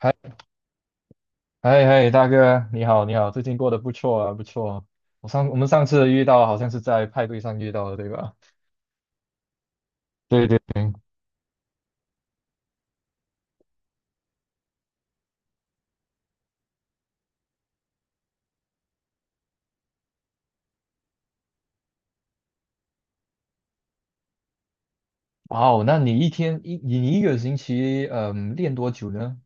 嗨嗨嗨，大哥，你好，你好，最近过得不错啊，不错啊。我们上次遇到好像是在派对上遇到的，对吧？对对对。哇哦，那你一天一你你一个星期练多久呢？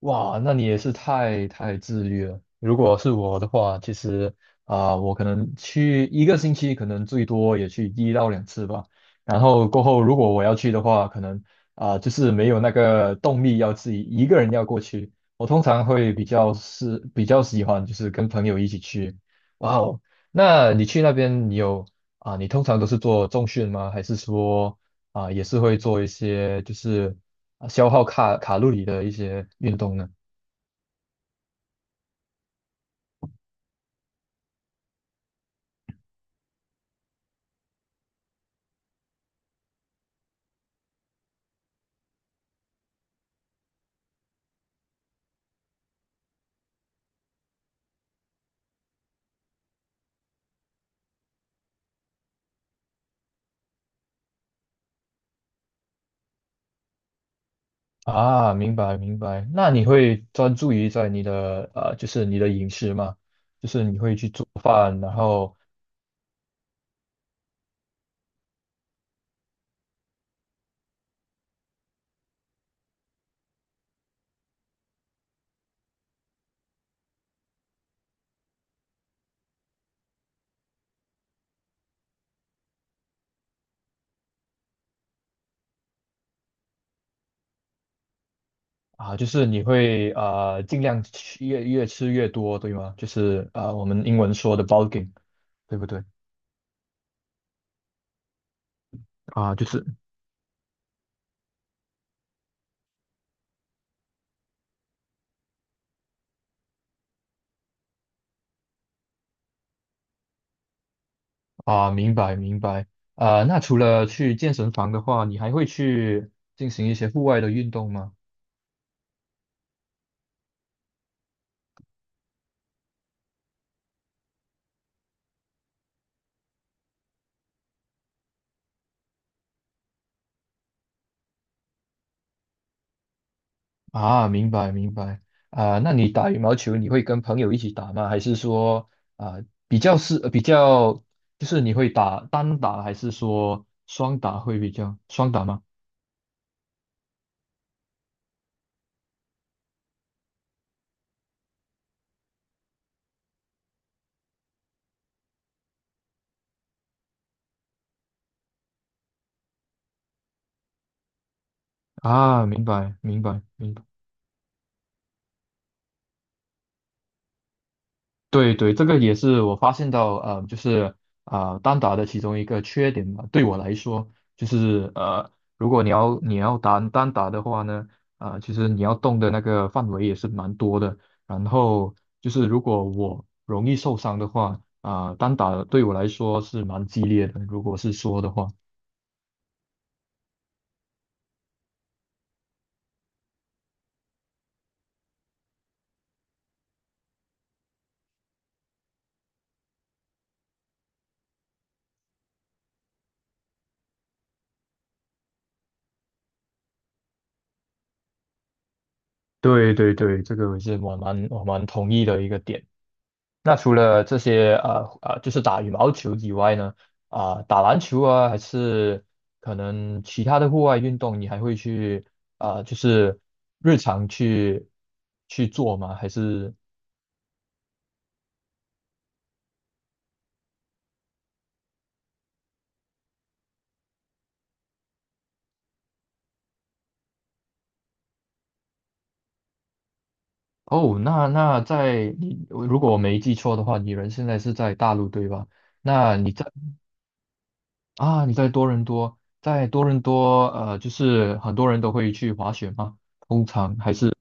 哇，那你也是太自律了。如果是我的话，其实我可能去一个星期，可能最多也去一到两次吧。然后过后，如果我要去的话，可能就是没有那个动力要自己一个人要过去。我通常会比较喜欢就是跟朋友一起去。哇哦，那你去那边你有啊、你通常都是做重训吗？还是说也是会做一些就是？消耗卡路里的一些运动呢？啊，明白明白。那你会专注于在你的就是你的饮食嘛，就是你会去做饭，然后啊，就是你会尽量越吃越多，对吗？就是我们英文说的 bulking，对不对？啊，就是明白明白。啊，那除了去健身房的话，你还会去进行一些户外的运动吗？啊，明白明白。啊，那你打羽毛球你会跟朋友一起打吗？还是说啊比较就是你会打单打还是说双打会比较双打吗？啊，明白明白明白。对对，这个也是我发现到，就是单打的其中一个缺点吧。对我来说，就是如果你要打单打的话呢，其实你要动的那个范围也是蛮多的。然后就是如果我容易受伤的话，单打对我来说是蛮激烈的。如果是说的话，对对对，这个也是我蛮同意的一个点。那除了这些就是打羽毛球以外呢，打篮球啊，还是可能其他的户外运动，你还会去就是日常去做吗？还是哦，那在你如果我没记错的话，你人现在是在大陆对吧？那你在啊，你在多伦多，在多伦多就是很多人都会去滑雪吗？通常还是。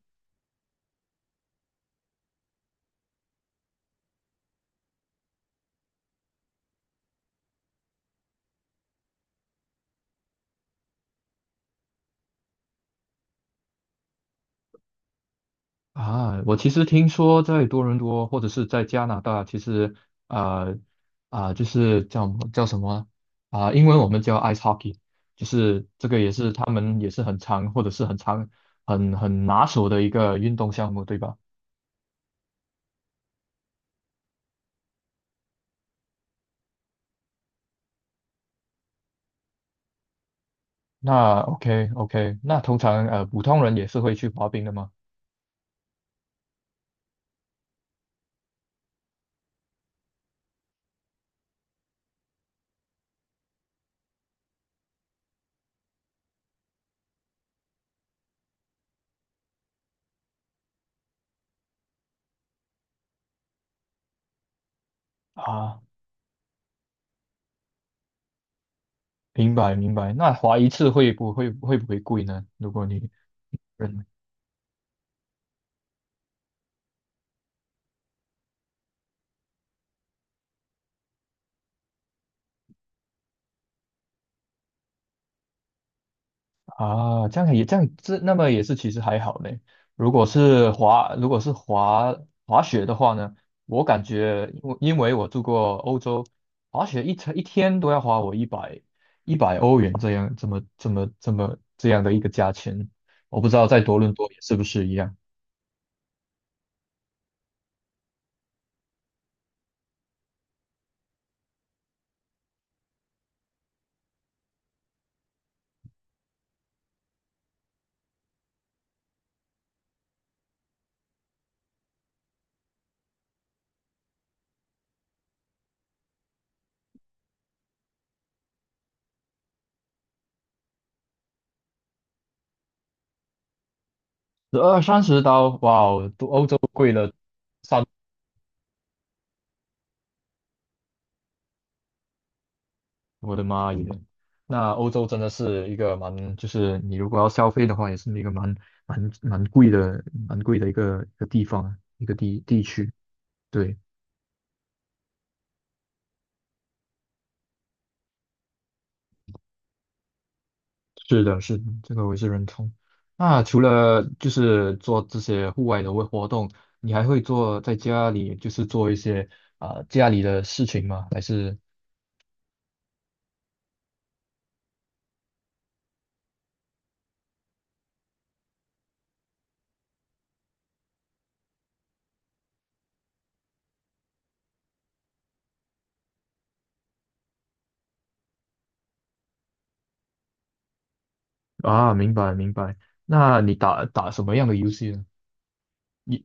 啊，我其实听说在多伦多或者是在加拿大，其实啊就是叫什么英文我们叫 ice hockey，就是这个也是他们也是很常或者是很常很拿手的一个运动项目，对吧？那 OK OK，那通常普通人也是会去滑冰的吗？啊，明白明白。那滑一次会不会贵呢？如果你认啊，这样那么也是其实还好嘞。如果是滑雪的话呢，我感觉因为我住过欧洲，滑雪一天一天都要花我一百欧元这样这么这么这么这样的一个价钱，我不知道在多伦多也是不是一样，十二三十刀，哇哦，都欧洲贵了我的妈耶！那欧洲真的是一个蛮，就是你如果要消费的话，也是一个蛮蛮贵的、蛮贵的一个地方、一个地区。对，是的，是的，这个我也是认同。那除了就是做这些户外的活动，你还会做在家里，就是做一些家里的事情吗？还是啊，明白明白。那你打打什么样的游戏呢？你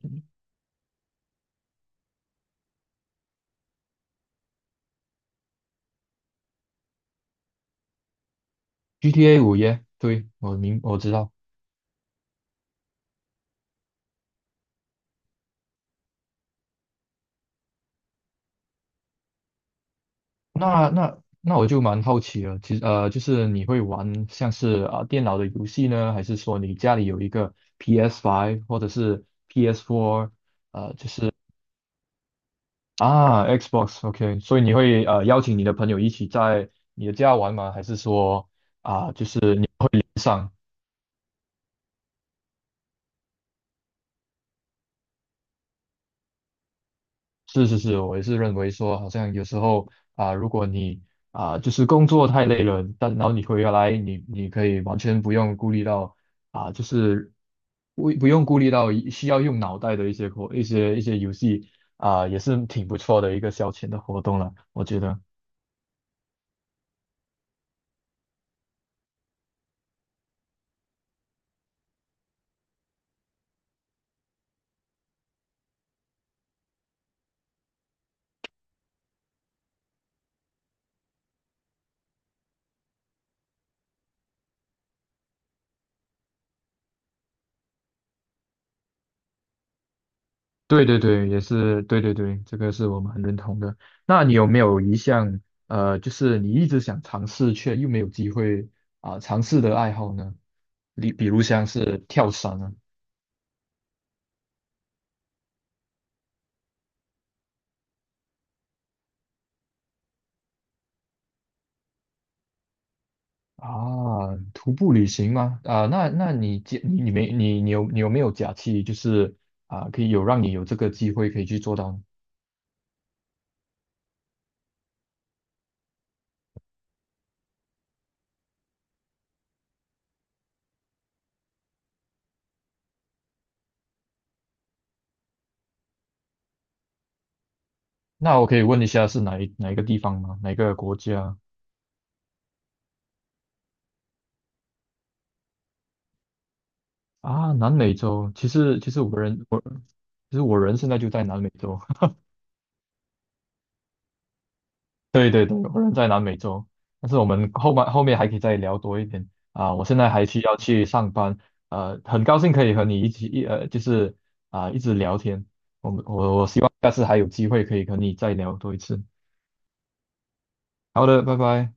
GTA 五耶？对，我知道。那我就蛮好奇了，其实就是你会玩像是电脑的游戏呢，还是说你家里有一个 PS5 或者是 PS4 啊 Xbox？OK，所以你会邀请你的朋友一起在你的家玩吗？还是说？上？是是是，我也是认为说，好像有时候如果你就是工作太累了，但然后你回来，你可以完全不用顾虑到就是不用顾虑到需要用脑袋的一些活一些一些游戏也是挺不错的一个消遣的活动了，我觉得。对对对，也是对对对，这个是我们很认同的。那你有没有一项就是你一直想尝试却又没有机会尝试的爱好呢？你比如像是跳伞啊，啊，徒步旅行吗？啊，那你假你你没你你有你有没有假期，就是啊，可以有让你有这个机会可以去做到呢？那我可以问一下是哪一个地方吗？哪个国家啊？南美洲，其实我人现在就在南美洲。对对对，我人在南美洲，但是我们后面还可以再聊多一点，我现在还需要去上班，很高兴可以和你一起一呃，就是一直聊天。我们我我希望下次还有机会可以和你再聊多一次。好的，拜拜。